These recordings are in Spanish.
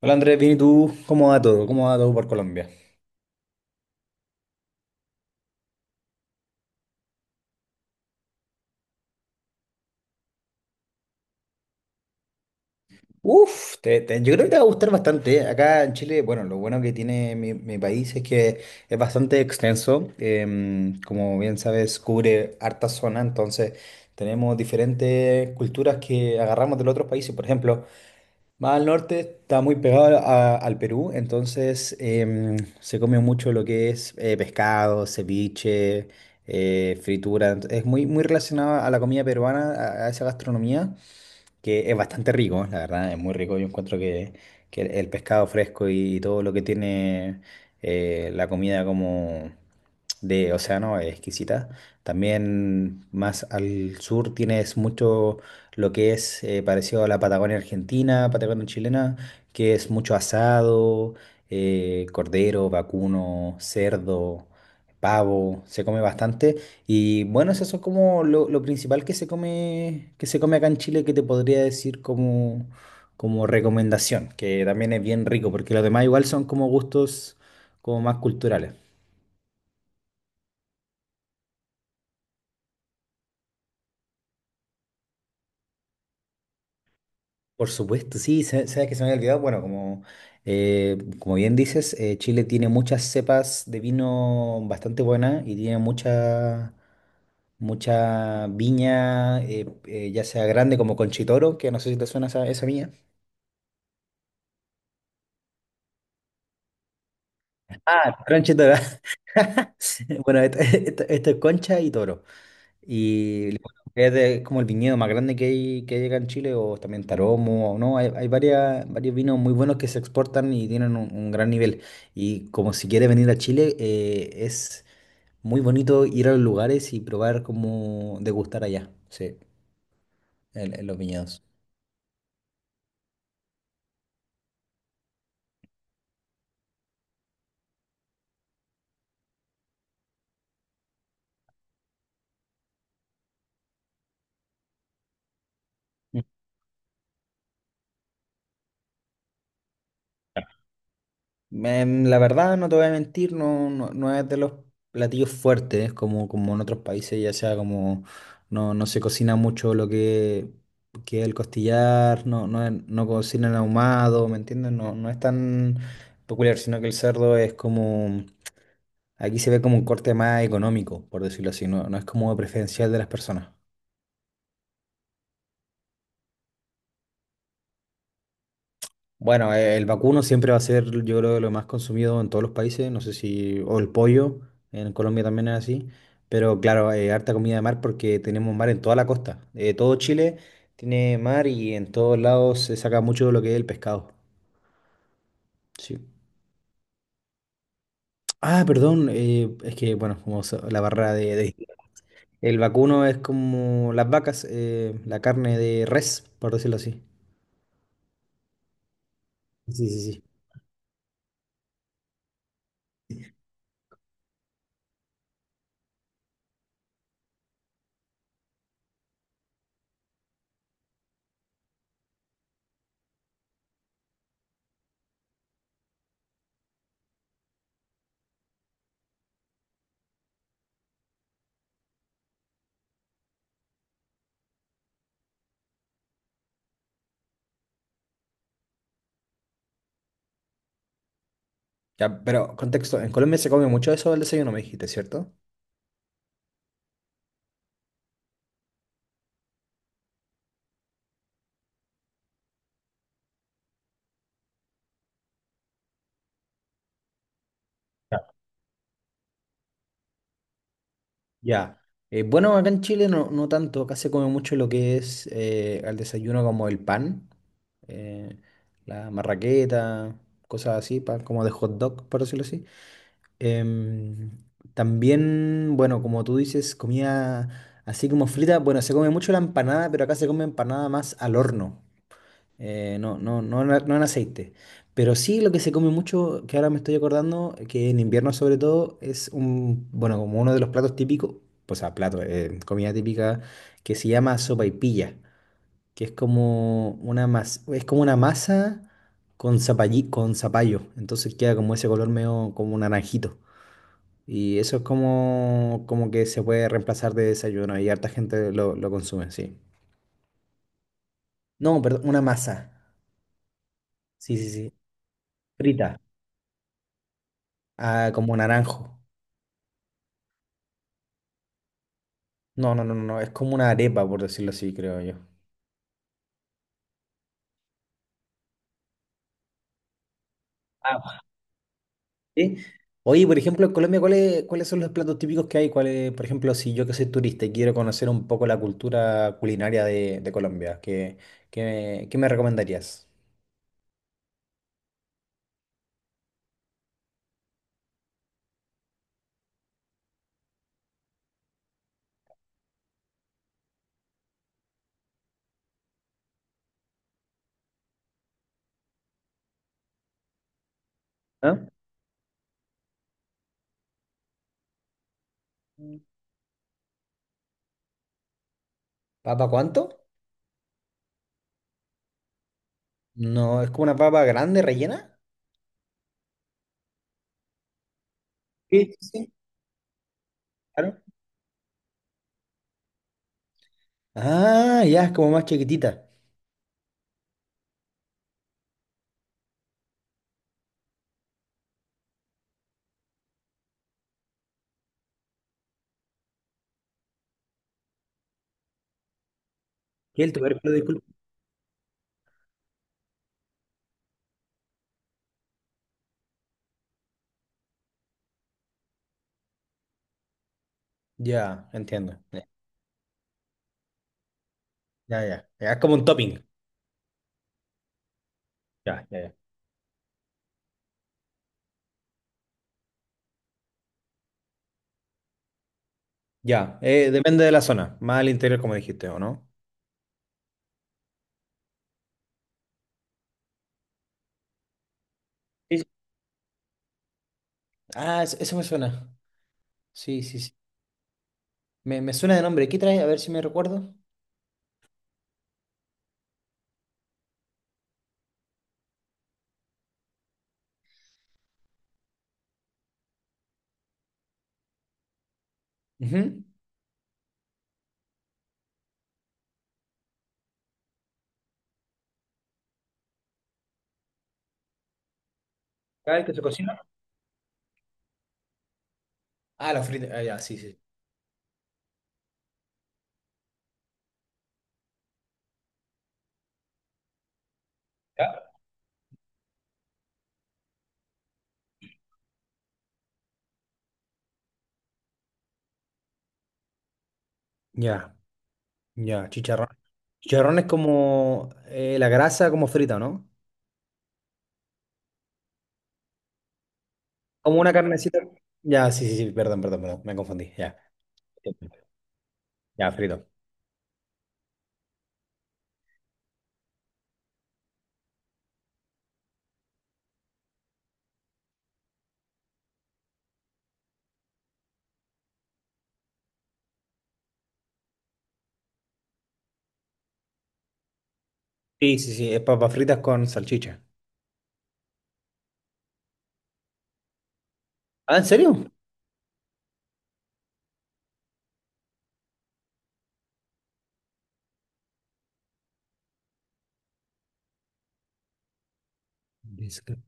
Hola Andrés, bien, ¿y tú? ¿Cómo va todo? ¿Cómo va todo por Colombia? Uf, yo creo que te va a gustar bastante, ¿eh? Acá en Chile, bueno, lo bueno que tiene mi país es que es bastante extenso. Como bien sabes, cubre harta zona, entonces tenemos diferentes culturas que agarramos de los otros países. Por ejemplo, más al norte está muy pegado al Perú, entonces se come mucho lo que es pescado, ceviche, fritura. Es muy relacionado a la comida peruana, a esa gastronomía, que es bastante rico, la verdad, es muy rico. Yo encuentro que el pescado fresco y todo lo que tiene la comida como de océano es exquisita. También más al sur tienes mucho lo que es parecido a la Patagonia argentina, Patagonia chilena, que es mucho asado, cordero, vacuno, cerdo, pavo, se come bastante. Y bueno, eso es como lo principal que se come acá en Chile, que te podría decir como, como recomendación, que también es bien rico, porque los demás igual son como gustos como más culturales. Por supuesto, sí, sabes que se me había olvidado. Bueno, como, como bien dices, Chile tiene muchas cepas de vino bastante buenas y tiene mucha viña, ya sea grande como Conchitoro, que no sé si te suena esa viña. Ah, Conchitoro. Bueno, esto es concha y toro. Y bueno, como el viñedo más grande que hay acá en Chile, o también Taromo, o no. Hay varios vinos muy buenos que se exportan y tienen un gran nivel. Y como si quieres venir a Chile, es muy bonito ir a los lugares y probar como degustar allá, sí, en los viñedos. La verdad, no te voy a mentir, no, no, no es de los platillos fuertes, como, como en otros países, ya sea como no, no se cocina mucho que el costillar, no, no, no cocinan ahumado, ¿me entiendes? No, no es tan peculiar, sino que el cerdo es como, aquí se ve como un corte más económico, por decirlo así, no, no es como preferencial de las personas. Bueno, el vacuno siempre va a ser, yo creo, lo más consumido en todos los países. No sé si, o el pollo, en Colombia también es así. Pero claro, harta comida de mar porque tenemos mar en toda la costa. Todo Chile tiene mar y en todos lados se saca mucho de lo que es el pescado. Sí. Ah, perdón, es que, bueno, la barra el vacuno es como las vacas, la carne de res, por decirlo así. Sí, sí, sí. Ya, pero contexto, en Colombia se come mucho eso del desayuno, me dijiste, ¿cierto? Ya. Bueno, acá en Chile no, no tanto, acá se come mucho lo que es al desayuno como el pan, eh, la marraqueta, cosas así, pan como de hot dog, por decirlo así. Em, También, bueno, como tú dices, comida así como frita, bueno, se come mucho la empanada, pero acá se come empanada más al horno. No, no, no, no en aceite. Pero sí lo que se come mucho, que ahora me estoy acordando, que en invierno sobre todo, es un, bueno, como uno de los platos típicos, pues a plato, comida típica, que se llama sopaipilla, que es como una masa, es como una masa con zapallí, con zapallo. Entonces queda como ese color medio como un naranjito. Y eso es como, como que se puede reemplazar de desayuno y harta gente lo consume, sí. No, perdón, una masa. Sí, sí, sí. Frita. Ah, como naranjo. No, no, no, no, no, es como una arepa, por decirlo así, creo yo. Ah, ¿sí? Oye, por ejemplo, en Colombia, ¿cuáles son los platos típicos que hay? ¿Cuáles, por ejemplo, si yo que soy turista y quiero conocer un poco la cultura culinaria de Colombia? ¿Qué, qué me recomendarías? ¿Ah? ¿Papa cuánto? No, es como una papa grande, rellena. Sí, sí, sí, claro. Ah, ya, es como más chiquitita. ¿Qué es el tubérculo, disculpa? Ya, entiendo. Ya, ya, ya. Ya, es como un topping. Ya, ya, ya. Ya, depende de la zona, más al interior como dijiste, ¿o no? Sí, sí. Ah, eso me suena. Sí, sí, sí. Me suena de nombre. ¿Qué trae? A ver si me recuerdo. Ujú. Ah, el que se cocina. Ah, la frita. Ah, ya, sí, sí. Ya, ya, ya, chicharrón. Chicharrón es como la grasa como frita, ¿no? Como una carnecita. Ya, sí, sí, sí, perdón, perdón, perdón, me confundí, ya. Ya, frito. Sí, sí, sí, es papas fritas con salchicha. Ah, ¿en serio? Discre-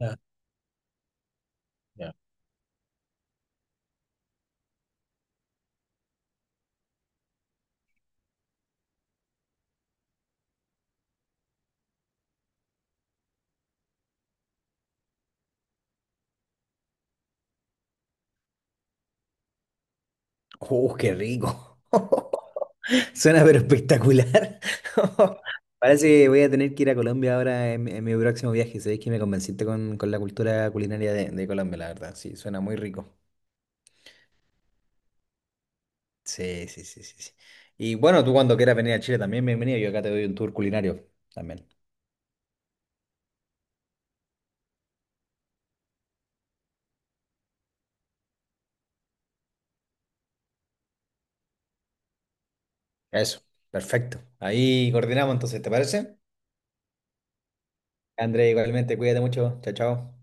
Ya, ya. ¡Uh, qué rico! Suena pero espectacular. Parece que voy a tener que ir a Colombia ahora en mi próximo viaje. Sabéis que me convenciste con la cultura culinaria de Colombia, la verdad. Sí, suena muy rico. Sí, sí, sí, sí, sí. Y bueno, tú cuando quieras venir a Chile también, bienvenido. Yo acá te doy un tour culinario también. Eso, perfecto. Ahí coordinamos entonces, ¿te parece? André, igualmente, cuídate mucho. Chao, chao.